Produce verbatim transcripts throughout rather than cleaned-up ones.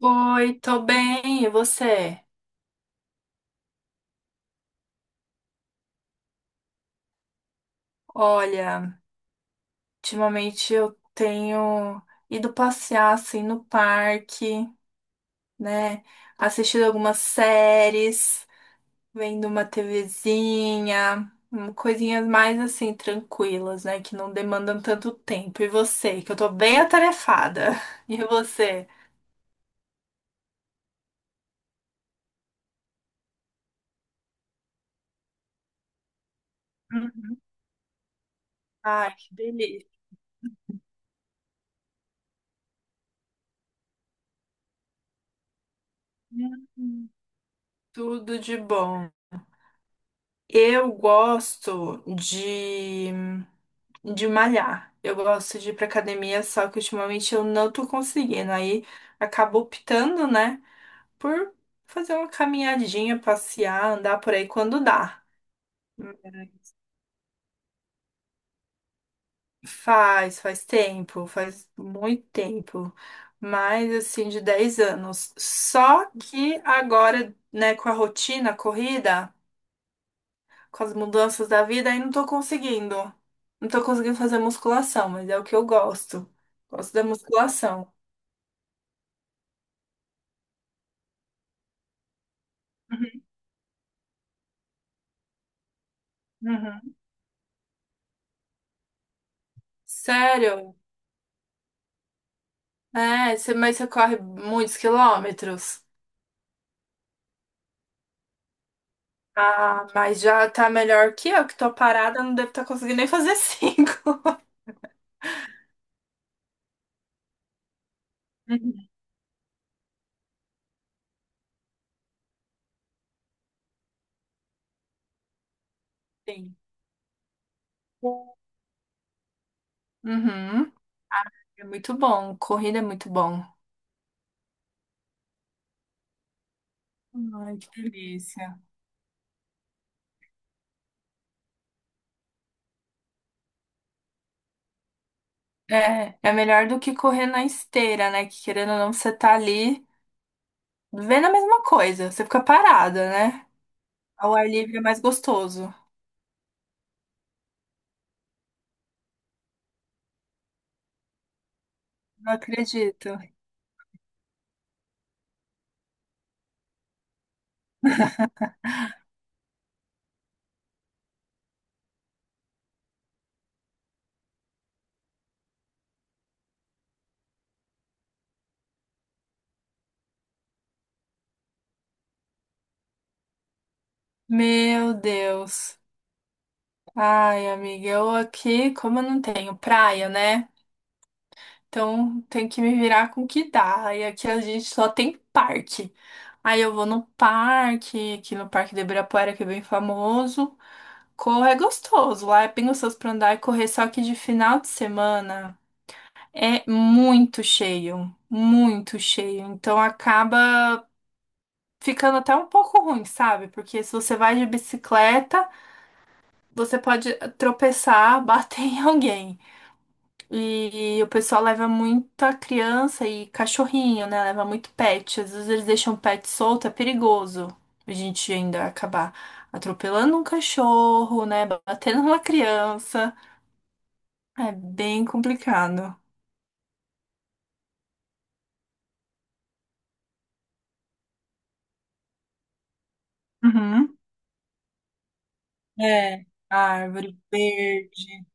Oi, tô bem, e você? Olha, ultimamente eu tenho ido passear assim no parque, né? Assistido algumas séries, vendo uma TVzinha, hum, coisinhas mais assim tranquilas, né? Que não demandam tanto tempo. E você? Que eu tô bem atarefada. E você? Hum. Ai, que delícia. Hum, Tudo de bom. Eu gosto de de malhar. Eu gosto de ir pra academia, só que ultimamente eu não tô conseguindo. Aí acabo optando, né, por fazer uma caminhadinha, passear, andar por aí quando dá. Faz, faz tempo, faz muito tempo. Mais assim, de dez anos. Só que agora, né, com a rotina, a corrida, com as mudanças da vida, aí não tô conseguindo. Não tô conseguindo fazer musculação, mas é o que eu gosto. Gosto da musculação. Uhum. Sério? É, você, mas você corre muitos quilômetros. Ah, mas já tá melhor que eu, que tô parada, não devo estar conseguindo nem fazer cinco. Uhum. Sim. Uhum. É muito bom. Corrida é muito bom. Ai, que delícia. É, é melhor do que correr na esteira, né? Que querendo ou não, você tá ali vendo a mesma coisa. Você fica parada, né? Ao ar livre é mais gostoso. Não acredito. Meu Deus. Ai, amiga, eu aqui, como eu não tenho praia, né? Então tem que me virar com o que dá. E aqui a gente só tem parque. Aí eu vou no parque, aqui no Parque de Ibirapuera, que é bem famoso. Correr é gostoso, lá é bem gostoso pra andar e correr, só que de final de semana é muito cheio, muito cheio. Então acaba ficando até um pouco ruim, sabe? Porque se você vai de bicicleta, você pode tropeçar, bater em alguém. E o pessoal leva muita criança e cachorrinho, né? Leva muito pet. Às vezes eles deixam o pet solto, é perigoso. A gente ainda acabar atropelando um cachorro, né? Batendo uma criança. É bem complicado. Uhum. É, árvore verde,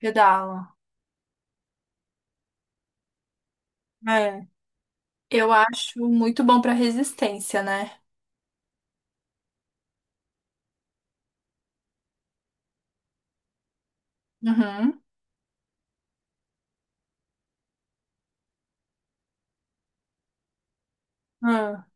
pedala. É. Eu acho muito bom pra resistência, né? Uhum. Ah.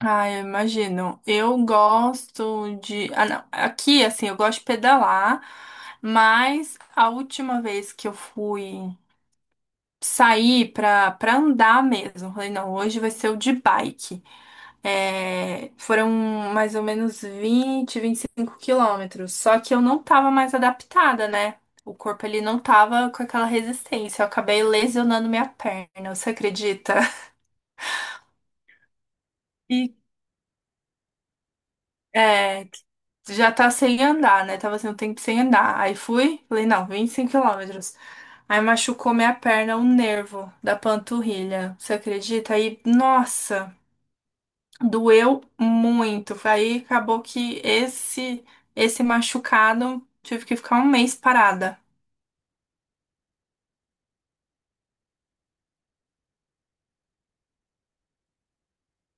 Ah, eu imagino. Eu gosto de. Ah, não. Aqui, assim, eu gosto de pedalar, mas a última vez que eu fui sair pra, pra andar mesmo, eu falei, não, hoje vai ser o de bike. É, foram mais ou menos vinte, vinte e cinco quilômetros. Só que eu não tava mais adaptada, né? O corpo ele não tava com aquela resistência. Eu acabei lesionando minha perna, você acredita? E. É, já tá sem andar, né? Tava assim, um tempo sem andar. Aí fui, falei, não, vinte e cinco quilômetros. Aí machucou minha perna, um nervo da panturrilha. Você acredita? Aí, nossa, doeu muito. Aí acabou que esse esse machucado tive que ficar um mês parada.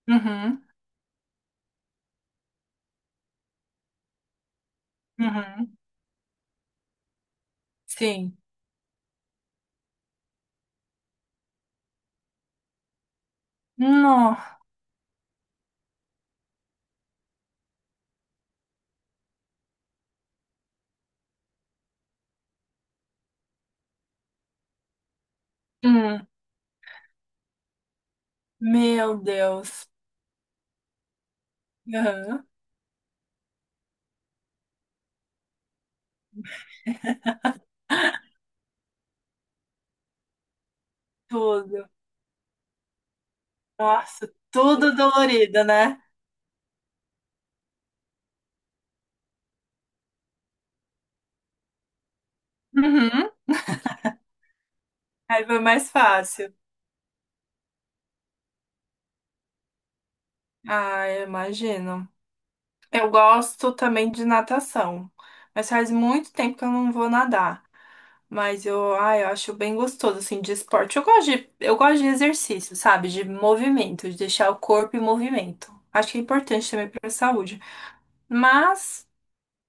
Uhum, uhum, sim. No, hum, meu Deus. Uhum, tudo. Nossa, tudo dolorido, né? Uhum. Aí foi mais fácil. Ah, eu imagino. Eu gosto também de natação, mas faz muito tempo que eu não vou nadar. Mas eu, ah, eu acho bem gostoso assim de esporte. Eu gosto de, eu gosto de exercício, sabe? De movimento, de deixar o corpo em movimento. Acho que é importante também para a saúde. Mas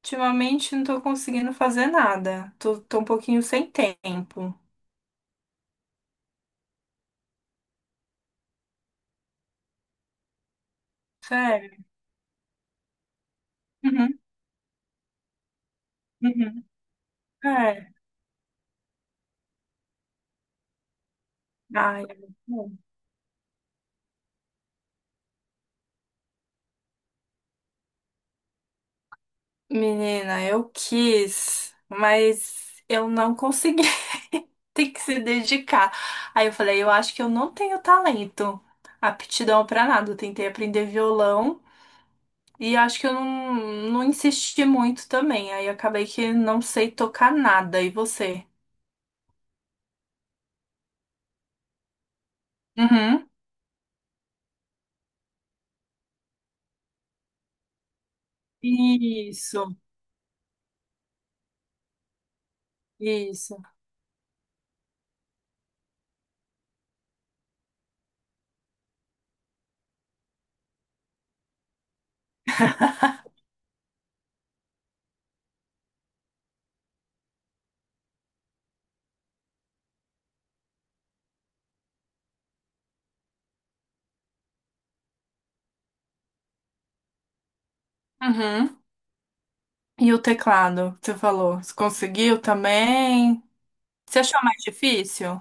ultimamente não tô conseguindo fazer nada. Tô, tô um pouquinho sem tempo. Sério. Uhum, uhum. É. Ai, é. Menina, eu quis, mas eu não consegui. Tem que se dedicar. Aí eu falei, eu acho que eu não tenho talento, aptidão pra nada. Eu tentei aprender violão e acho que eu não, não insisti muito também. Aí acabei que não sei tocar nada. E você? Uhum. Isso, isso. Uhum. E o teclado que você falou? Você conseguiu também? Você achou mais difícil?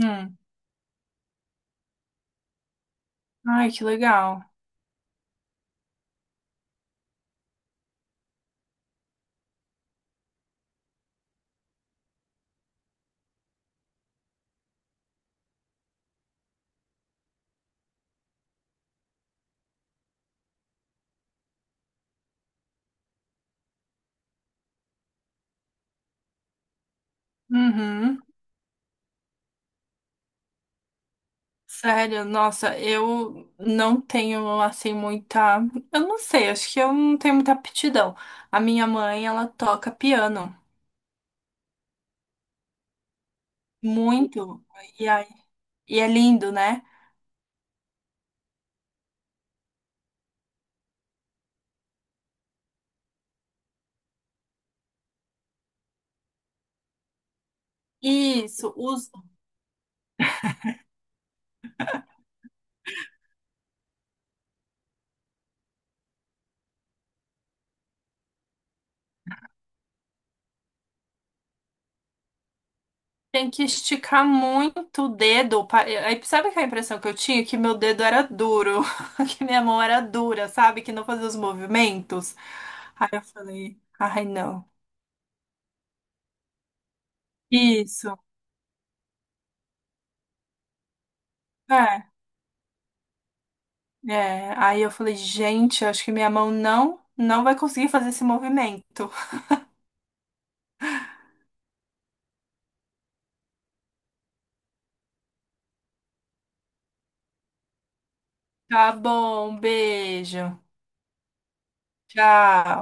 Hum. Ai, que legal. Uhum. Sério, nossa, eu não tenho assim muita. Eu não sei, acho que eu não tenho muita aptidão. A minha mãe, ela toca piano muito, e, aí- e é lindo, né? Isso, os... tem que esticar muito o dedo. Pa- Aí sabe que a impressão que eu tinha? Que meu dedo era duro, que minha mão era dura, sabe? Que não fazia os movimentos. Aí eu falei, ai não. Isso. é. É, aí eu falei, gente, eu acho que minha mão não, não vai conseguir fazer esse movimento. Tá bom, beijo. Tchau.